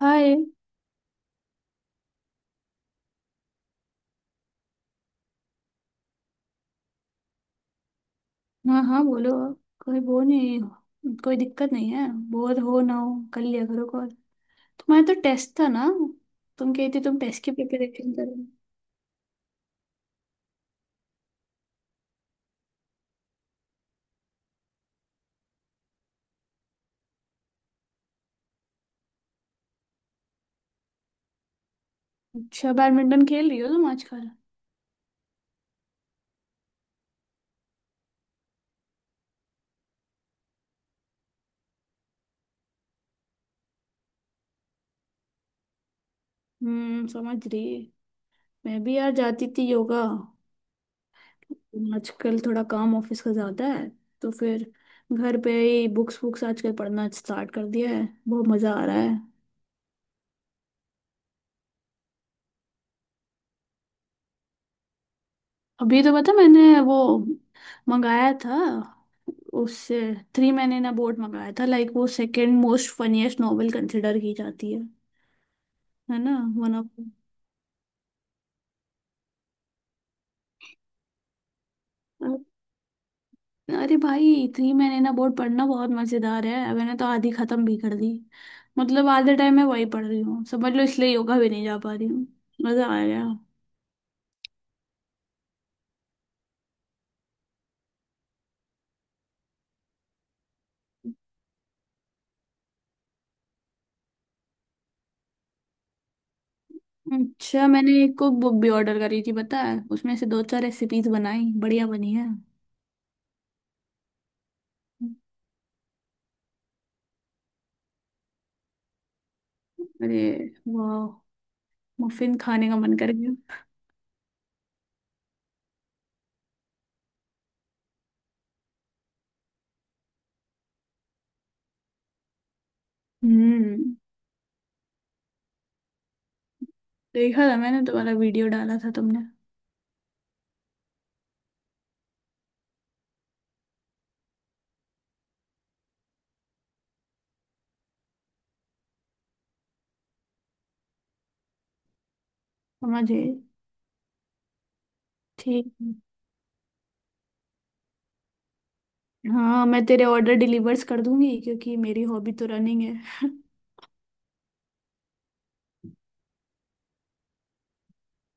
हाय। हाँ हाँ बोलो आप। कोई वो नहीं, कोई दिक्कत नहीं है। बोर हो ना हो, कर लिया करो कॉल। तुम्हारा तो टेस्ट था ना, तुम कहती तुम टेस्ट की प्रिपरेशन करो। अच्छा, बैडमिंटन खेल रही हो तुम आजकल। हम्म, समझ रही। मैं भी यार जाती थी योगा। आजकल थोड़ा काम ऑफिस का ज्यादा है, तो फिर घर पे ही बुक्स बुक्स आजकल पढ़ना स्टार्ट कर दिया है, बहुत मजा आ रहा है। अभी तो पता, मैंने वो मंगाया था, उससे थ्री मैन इन बोर्ड मंगाया था। लाइक वो second most funniest novel consider की जाती है ना। वन ऑफ, अरे भाई थ्री मैन इन बोर्ड पढ़ना बहुत मजेदार है, मैंने तो आधी खत्म भी कर दी। मतलब आधे टाइम मैं वही पढ़ रही हूँ समझ लो, इसलिए योगा भी नहीं जा पा रही हूँ। मजा आ गया। अच्छा, मैंने एक कुक बुक भी ऑर्डर करी थी पता है, उसमें से दो चार रेसिपीज बनाई, बढ़िया बनी है। अरे वाह, मफिन खाने का मन कर। हम्म, देखा था मैंने, तुम्हारा वीडियो डाला था तुमने। समझ गई। ठीक है। हाँ मैं तेरे ऑर्डर डिलीवर्स कर दूंगी क्योंकि मेरी हॉबी तो रनिंग है।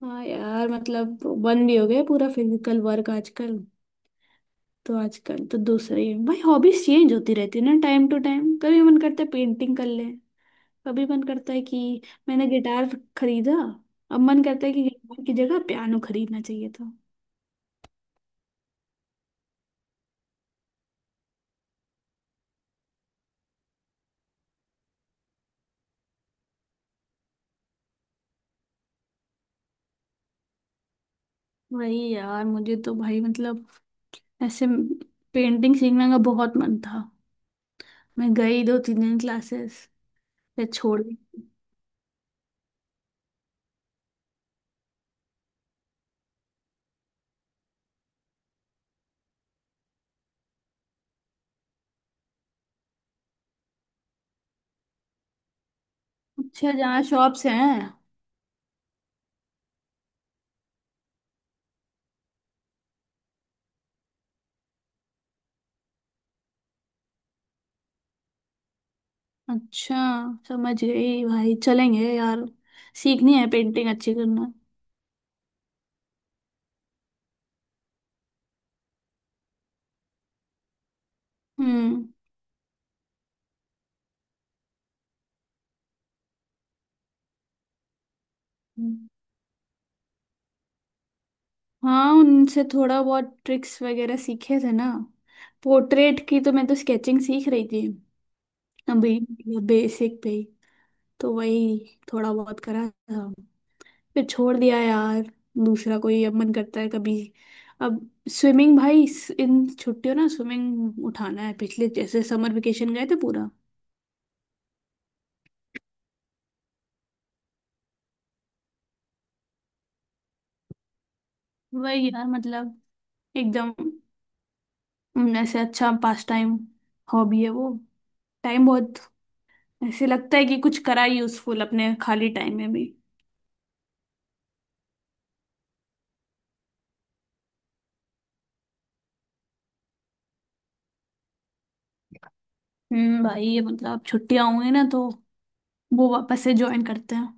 हाँ यार, मतलब बंद भी हो गया पूरा फिजिकल वर्क आजकल। तो आजकल तो दूसरी है भाई, हॉबीज चेंज होती रहती है ना टाइम टू टाइम। कभी मन करता है पेंटिंग कर ले, कभी मन करता है कि मैंने गिटार खरीदा, अब मन करता है कि गिटार की जगह पियानो खरीदना चाहिए था। वही यार, मुझे तो भाई मतलब ऐसे पेंटिंग सीखने का बहुत मन था, मैं गई दो तीन दिन क्लासेस, फिर छोड़ दी। अच्छा, जहाँ शॉप्स हैं। अच्छा, समझ गई भाई, चलेंगे यार, सीखनी है पेंटिंग अच्छी करना। हम्म। हाँ, उनसे थोड़ा बहुत ट्रिक्स वगैरह सीखे थे ना पोर्ट्रेट की, तो मैं तो स्केचिंग सीख रही थी अभी बेसिक पे ही, तो वही थोड़ा बहुत करा था, फिर छोड़ दिया यार। दूसरा कोई अब मन करता है कभी, अब स्विमिंग भाई, इन छुट्टियों ना स्विमिंग उठाना है, पिछले जैसे समर वेकेशन गए थे पूरा। वही यार मतलब एकदम। ऐसे अच्छा पास टाइम हॉबी है वो, टाइम बहुत ऐसे लगता है कि कुछ करा यूजफुल अपने खाली टाइम में भी। हम्म, भाई ये मतलब छुट्टियां होंगी ना, तो वो वापस से ज्वाइन करते हैं।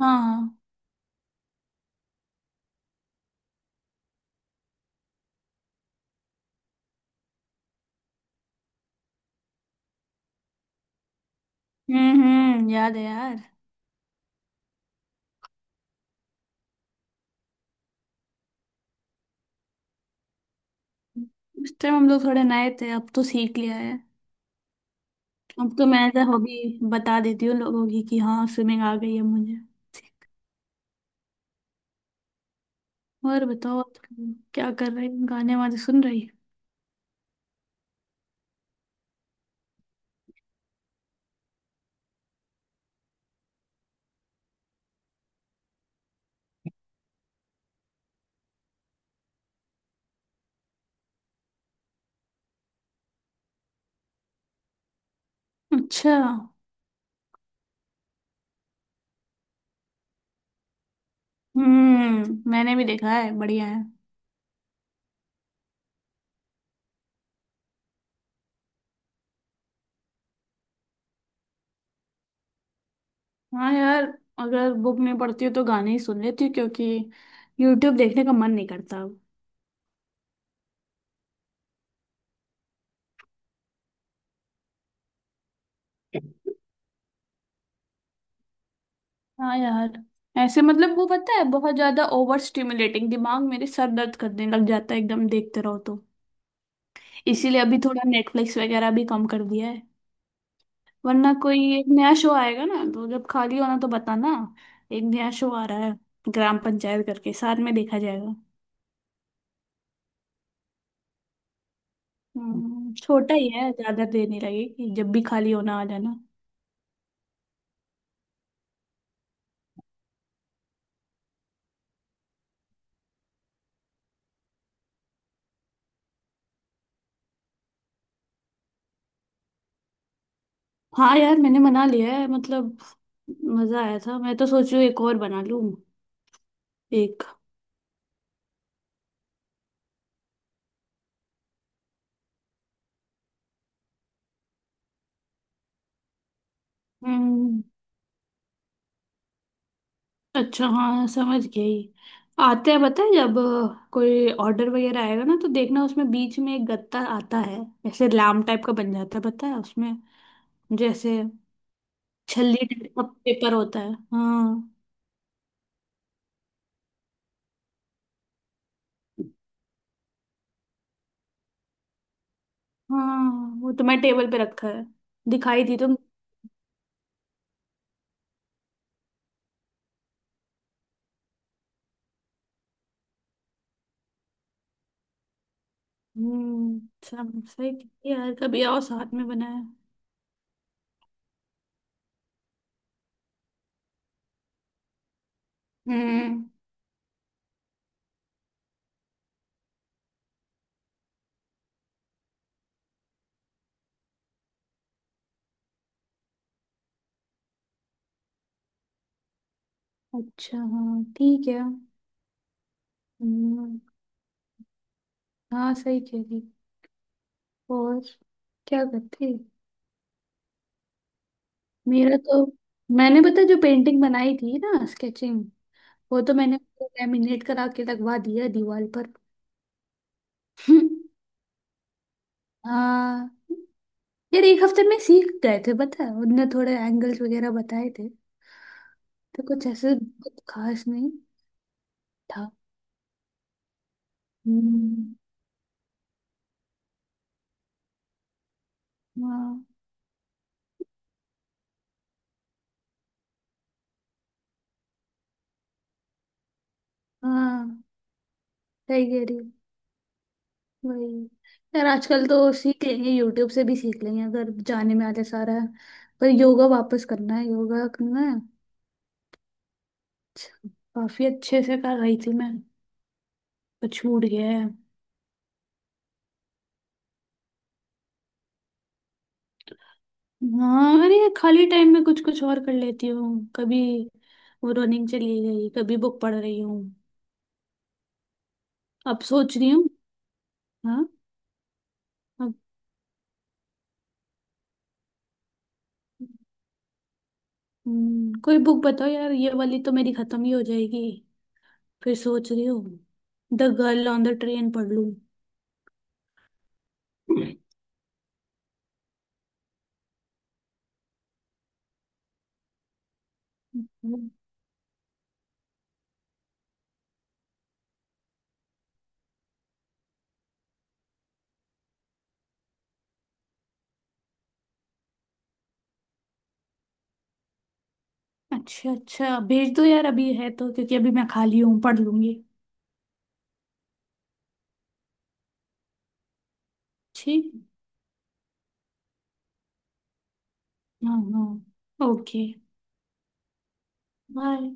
हाँ हाँ। हम्म, याद है यार। उस टाइम हम लोग थोड़े नए थे, अब तो सीख लिया है। अब तो मैं एज हॉबी बता देती हूँ लोगों की कि हाँ स्विमिंग आ गई है मुझे। और बताओ, आजकल क्या कर रही हो? गाने वाने सुन रही है। अच्छा। हम्म, मैंने भी देखा है, बढ़िया है। हाँ यार, अगर बुक नहीं पढ़ती हूँ तो गाने ही सुन लेती हूँ, क्योंकि यूट्यूब देखने का मन नहीं करता अब। हाँ यार, ऐसे मतलब वो पता है बहुत ज्यादा ओवर स्टिमुलेटिंग, दिमाग मेरे सर दर्द करने लग जाता है एकदम देखते रहो तो। इसीलिए अभी थोड़ा नेटफ्लिक्स वगैरह भी कम कर दिया है। वरना कोई एक नया शो आएगा ना, तो जब खाली होना तो बताना। एक नया शो आ रहा है, ग्राम पंचायत करके, साथ में देखा जाएगा। छोटा ही है, ज्यादा देर नहीं लगेगी, जब भी खाली होना आ जाना। हाँ यार, मैंने मना लिया है मतलब। मजा आया था, मैं तो सोचू एक और बना लूं। एक। हम्म। अच्छा हाँ समझ गई। आते हैं पता है, जब कोई ऑर्डर वगैरह आएगा ना, तो देखना उसमें बीच में एक गत्ता आता है, ऐसे लाम टाइप का बन जाता है, पता है उसमें जैसे छल्ली टाइप का पेपर होता है। हाँ हाँ। वो तो मैं टेबल पे रखा है, दिखाई दी तो। हम्म, सब सही किया यार, कभी आओ साथ में बनाया। हम्म। अच्छा हाँ ठीक है। हम्म। हाँ सही कह रही। और क्या करते। मेरा तो, मैंने पता जो पेंटिंग बनाई थी ना स्केचिंग, वो तो मैंने लैमिनेट करा के लगवा दिया दीवार पर। हाँ यार, एक हफ्ते में सीख गए थे पता है, उनने थोड़े एंगल्स वगैरह बताए थे, तो कुछ ऐसे बहुत खास नहीं था। हम्म। हाँ हाँ, सही कह रही हो, वही। यार आजकल तो सीख लेंगे, यूट्यूब से भी सीख लेंगे अगर जाने में आते सारा। पर योगा वापस करना है, योगा करना है। अच्छा, काफी अच्छे से कर रही थी मैं, पर छूट गया है। हाँ, अरे ये खाली टाइम में कुछ कुछ और कर लेती हूँ कभी। वो रनिंग चली गई, कभी बुक पढ़ रही हूँ। अब सोच रही हूँ। हाँ। अब। कोई बुक बताओ यार, ये वाली तो मेरी खत्म ही हो जाएगी, फिर सोच रही हूँ the girl on the train पढ़ लूँ। हम्म, अच्छा अच्छा, भेज दो यार अभी है तो, क्योंकि अभी मैं खाली हूँ, पढ़ लूंगी। ठीक। हाँ हाँ, ओके, बाय।